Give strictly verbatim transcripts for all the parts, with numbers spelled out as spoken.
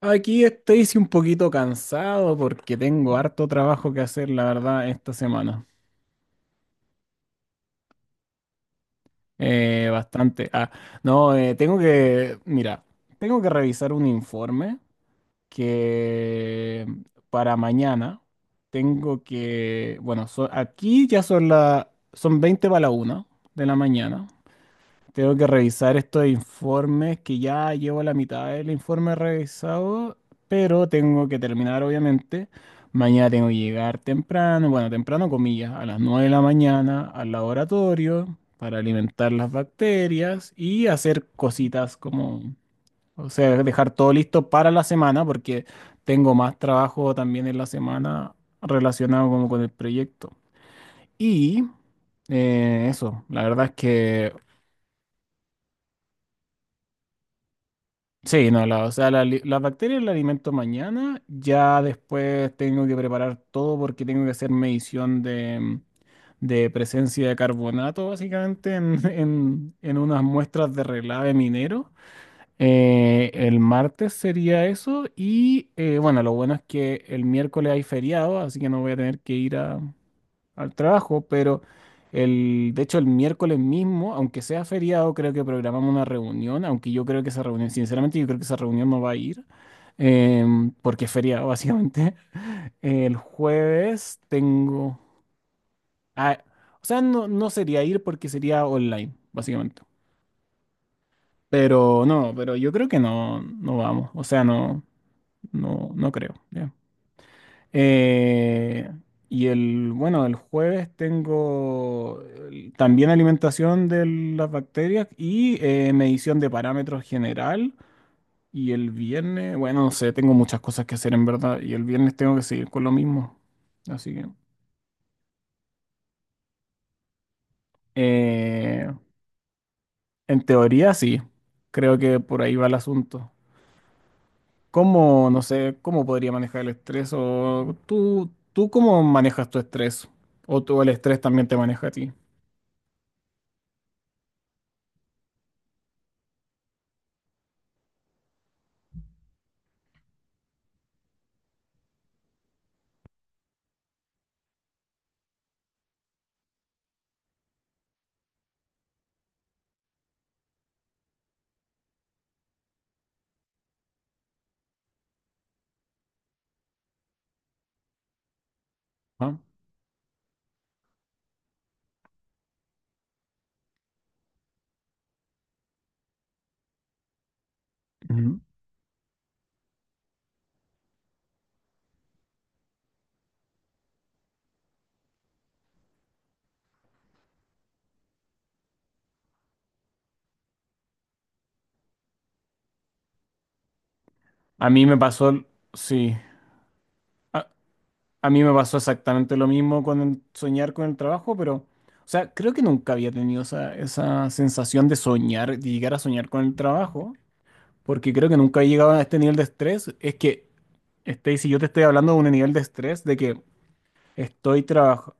Aquí estoy sí, un poquito cansado porque tengo harto trabajo que hacer, la verdad, esta semana. Eh, bastante. Ah, no, eh, tengo que, mira, tengo que revisar un informe que para mañana tengo que, bueno, so- aquí ya son la, son veinte para la una de la mañana. Tengo que revisar estos informes que ya llevo la mitad del informe revisado, pero tengo que terminar obviamente. Mañana tengo que llegar temprano, bueno, temprano comillas, a las nueve de la mañana al laboratorio para alimentar las bacterias y hacer cositas como, o sea, dejar todo listo para la semana porque tengo más trabajo también en la semana relacionado como con el proyecto. Y eh, eso, la verdad es que sí. No, la, o sea, la, li- las bacterias las alimento mañana, ya después tengo que preparar todo porque tengo que hacer medición de, mm, de presencia de carbonato, básicamente, en, en- en unas muestras de relave minero. Eh, el martes sería eso y, eh, bueno, lo bueno es que el miércoles hay feriado, así que no voy a tener que ir a al trabajo, pero el, de hecho el miércoles mismo, aunque sea feriado, creo que programamos una reunión, aunque yo creo que esa reunión, sinceramente yo creo que esa reunión no va a ir, em, porque es feriado básicamente. El jueves tengo... ah, o sea, no, no sería ir porque sería online, básicamente. Pero no, pero yo creo que no, no vamos, o sea, no, no, no creo. Eh, y el, bueno, el jueves tengo el- también alimentación de las bacterias y eh, medición de parámetros general. Y el viernes, bueno, no sé, tengo muchas cosas que hacer en verdad. Y el viernes tengo que seguir con lo mismo. Así que, eh, en teoría sí, creo que por ahí va el asunto. ¿Cómo, no sé, cómo podría manejar el estrés? ¿O tú, tú cómo manejas tu estrés? ¿O tú el estrés también te maneja a ti? ¿Ah? Ujú. A mí me pasó, sí, a, a mí me pasó exactamente lo mismo con el soñar con el trabajo, pero, o sea, creo que nunca había tenido esa, esa sensación de soñar, de llegar a soñar con el trabajo, porque creo que nunca he llegado a este nivel de estrés. Es que, este, si yo te estoy hablando de un nivel de estrés de que estoy trabajando,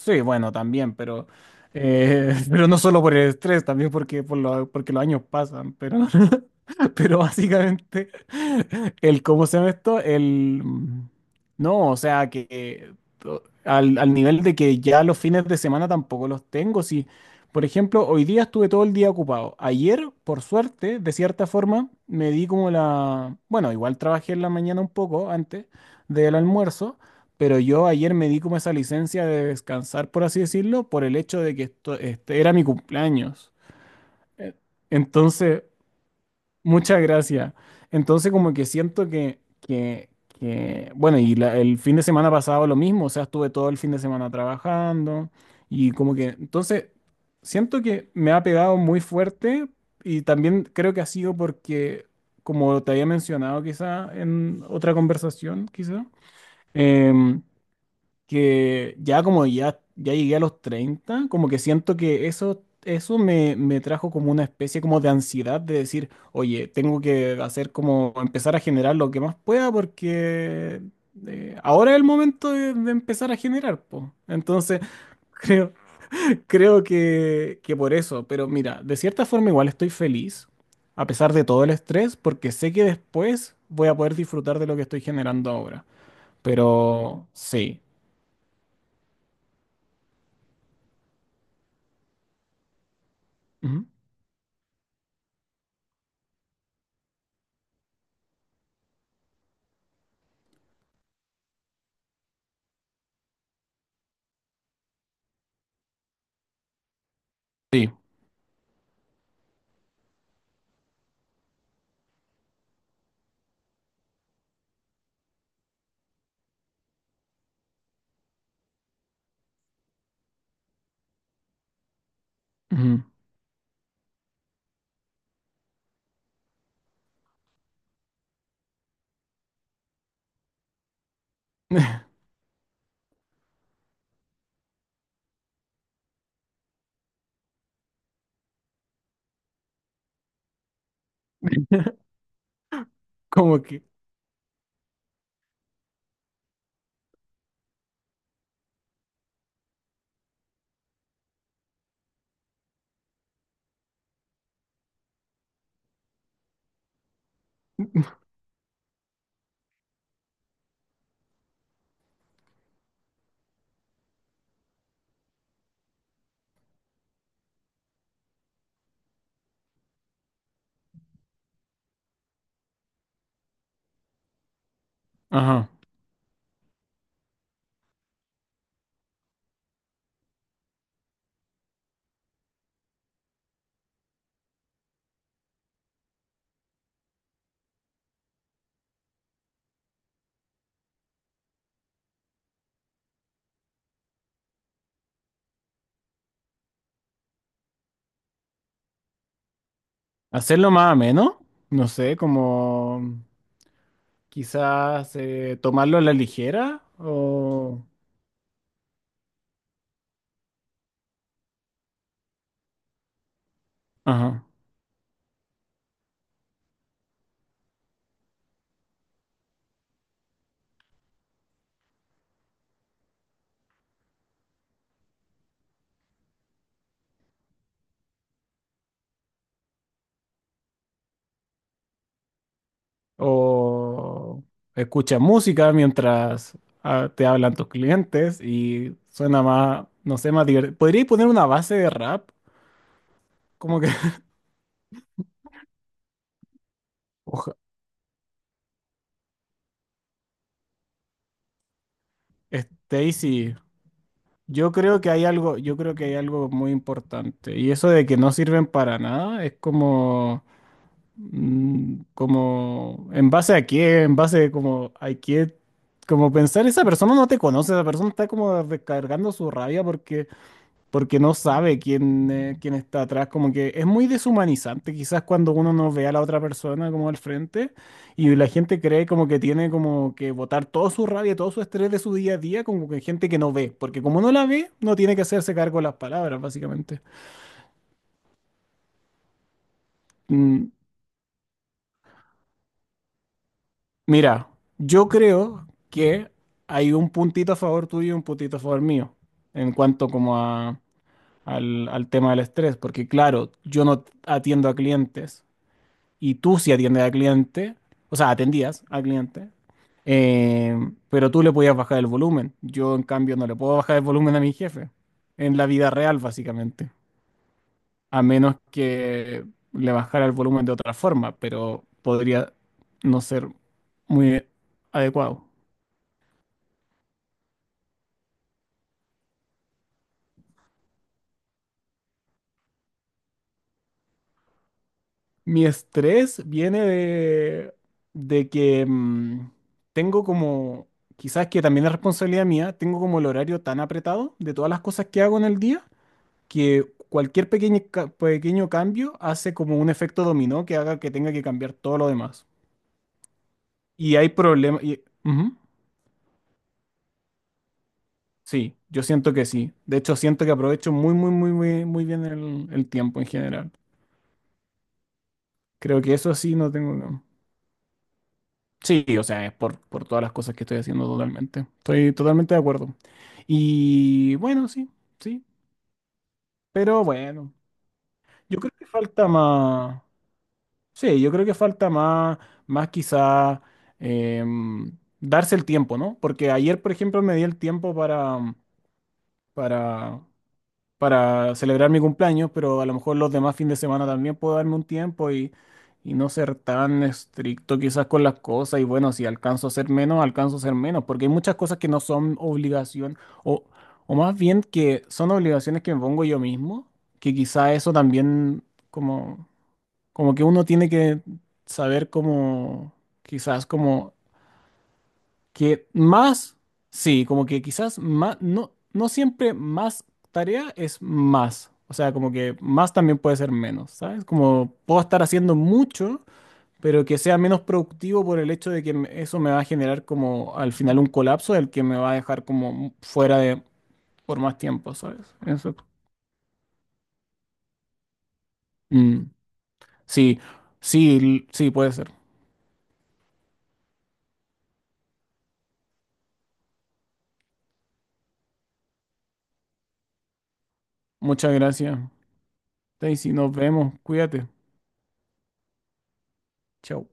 sí, bueno, también, pero, eh, pero no solo por el estrés, también porque, por lo- porque los años pasan, pero... Pero básicamente, el cómo se llama esto, el mm, no, o sea que eh, to- al, al nivel de que ya los fines de semana tampoco los tengo. Si, por ejemplo, hoy día estuve todo el día ocupado. Ayer, por suerte, de cierta forma, me di como la, bueno, igual trabajé en la mañana un poco antes del almuerzo, pero yo ayer me di como esa licencia de descansar, por así decirlo, por el hecho de que esto, este, era mi cumpleaños. Eh, Entonces. Muchas gracias. Entonces, como que siento que, que, que bueno, y la- el fin de semana pasado lo mismo, o sea, estuve todo el fin de semana trabajando y como que, entonces, siento que me ha pegado muy fuerte y también creo que ha sido porque, como te había mencionado quizá en otra conversación, quizá, em, que ya como ya, ya llegué a los treinta como que siento que eso, eso me, me trajo como una especie como de ansiedad de decir, oye, tengo que hacer como empezar a generar lo que más pueda porque eh, ahora es el momento de, de empezar a generar, po. Entonces, creo, creo que, que por eso, pero mira, de cierta forma igual estoy feliz, a pesar de todo el estrés, porque sé que después voy a poder disfrutar de lo que estoy generando ahora. Pero sí. Ujú. Ujú. Como que, ajá, hacerlo más ameno, no sé, como quizás eh, tomarlo a la ligera o, ajá, o escucha música mientras ah, te hablan tus clientes y suena más, no sé, más divertido. ¿Podríais poner una base de rap? Como que, oja, Stacy, yo creo que hay algo, yo creo que hay algo muy importante y eso de que no sirven para nada es como mm. Como, ¿en base a qué? ¿En base como a qué? Como pensar, esa persona no te conoce, esa persona está como descargando su rabia porque, porque no sabe quién, eh, quién está atrás. Como que es muy deshumanizante quizás cuando uno no ve a la otra persona como al frente y la gente cree como que tiene como que botar toda su rabia, todo su estrés de su día a día como que gente que no ve, porque como no la ve, no tiene que hacerse cargo de las palabras, básicamente. Mm. Mira, yo creo que hay un puntito a favor tuyo y un puntito a favor mío en cuanto como a- al, al tema del estrés, porque claro, yo no atiendo a clientes y tú sí atiendes a cliente, o sea, atendías a cliente, eh, pero tú le podías bajar el volumen. Yo en cambio no le puedo bajar el volumen a mi jefe en la vida real, básicamente, a menos que le bajara el volumen de otra forma, pero podría no ser muy adecuado. Mi estrés viene de, de que mm, tengo como, quizás que también es responsabilidad mía, tengo como el horario tan apretado de todas las cosas que hago en el día que cualquier pequeño, ca- pequeño cambio hace como un efecto dominó que haga que tenga que cambiar todo lo demás. Y hay problemas. y- Ujú. Sí, yo siento que sí. De hecho, siento que aprovecho muy, muy, muy, muy, muy bien el, el tiempo en general. Creo que eso sí no tengo. No. Sí, o sea, es por, por todas las cosas que estoy haciendo totalmente. Estoy totalmente de acuerdo. Y bueno, sí, sí, pero bueno, yo creo que falta más, sí, yo creo que falta más, más quizá em, darse el tiempo, ¿no? Porque ayer, por ejemplo, me di el tiempo para, para para celebrar mi cumpleaños, pero a lo mejor los demás fines de semana también puedo darme un tiempo y, y no ser tan estricto quizás con las cosas. Y bueno, si alcanzo a hacer menos, alcanzo a hacer menos, porque hay muchas cosas que no son obligación, o, o más bien que son obligaciones que me pongo yo mismo, que quizás eso también como, como que uno tiene que saber cómo, quizás como que más, sí, como que quizás más, no, no siempre más tarea es más. O sea, como que más también puede ser menos, ¿sabes? Como puedo estar haciendo mucho, pero que sea menos productivo por el hecho de que me- eso me va a generar como al final un colapso del que me va a dejar como fuera de por más tiempo, ¿sabes? Eso. Mm. Sí, sí, l- sí, puede ser. Muchas gracias, Daisy. Nos vemos. Cuídate. Chao.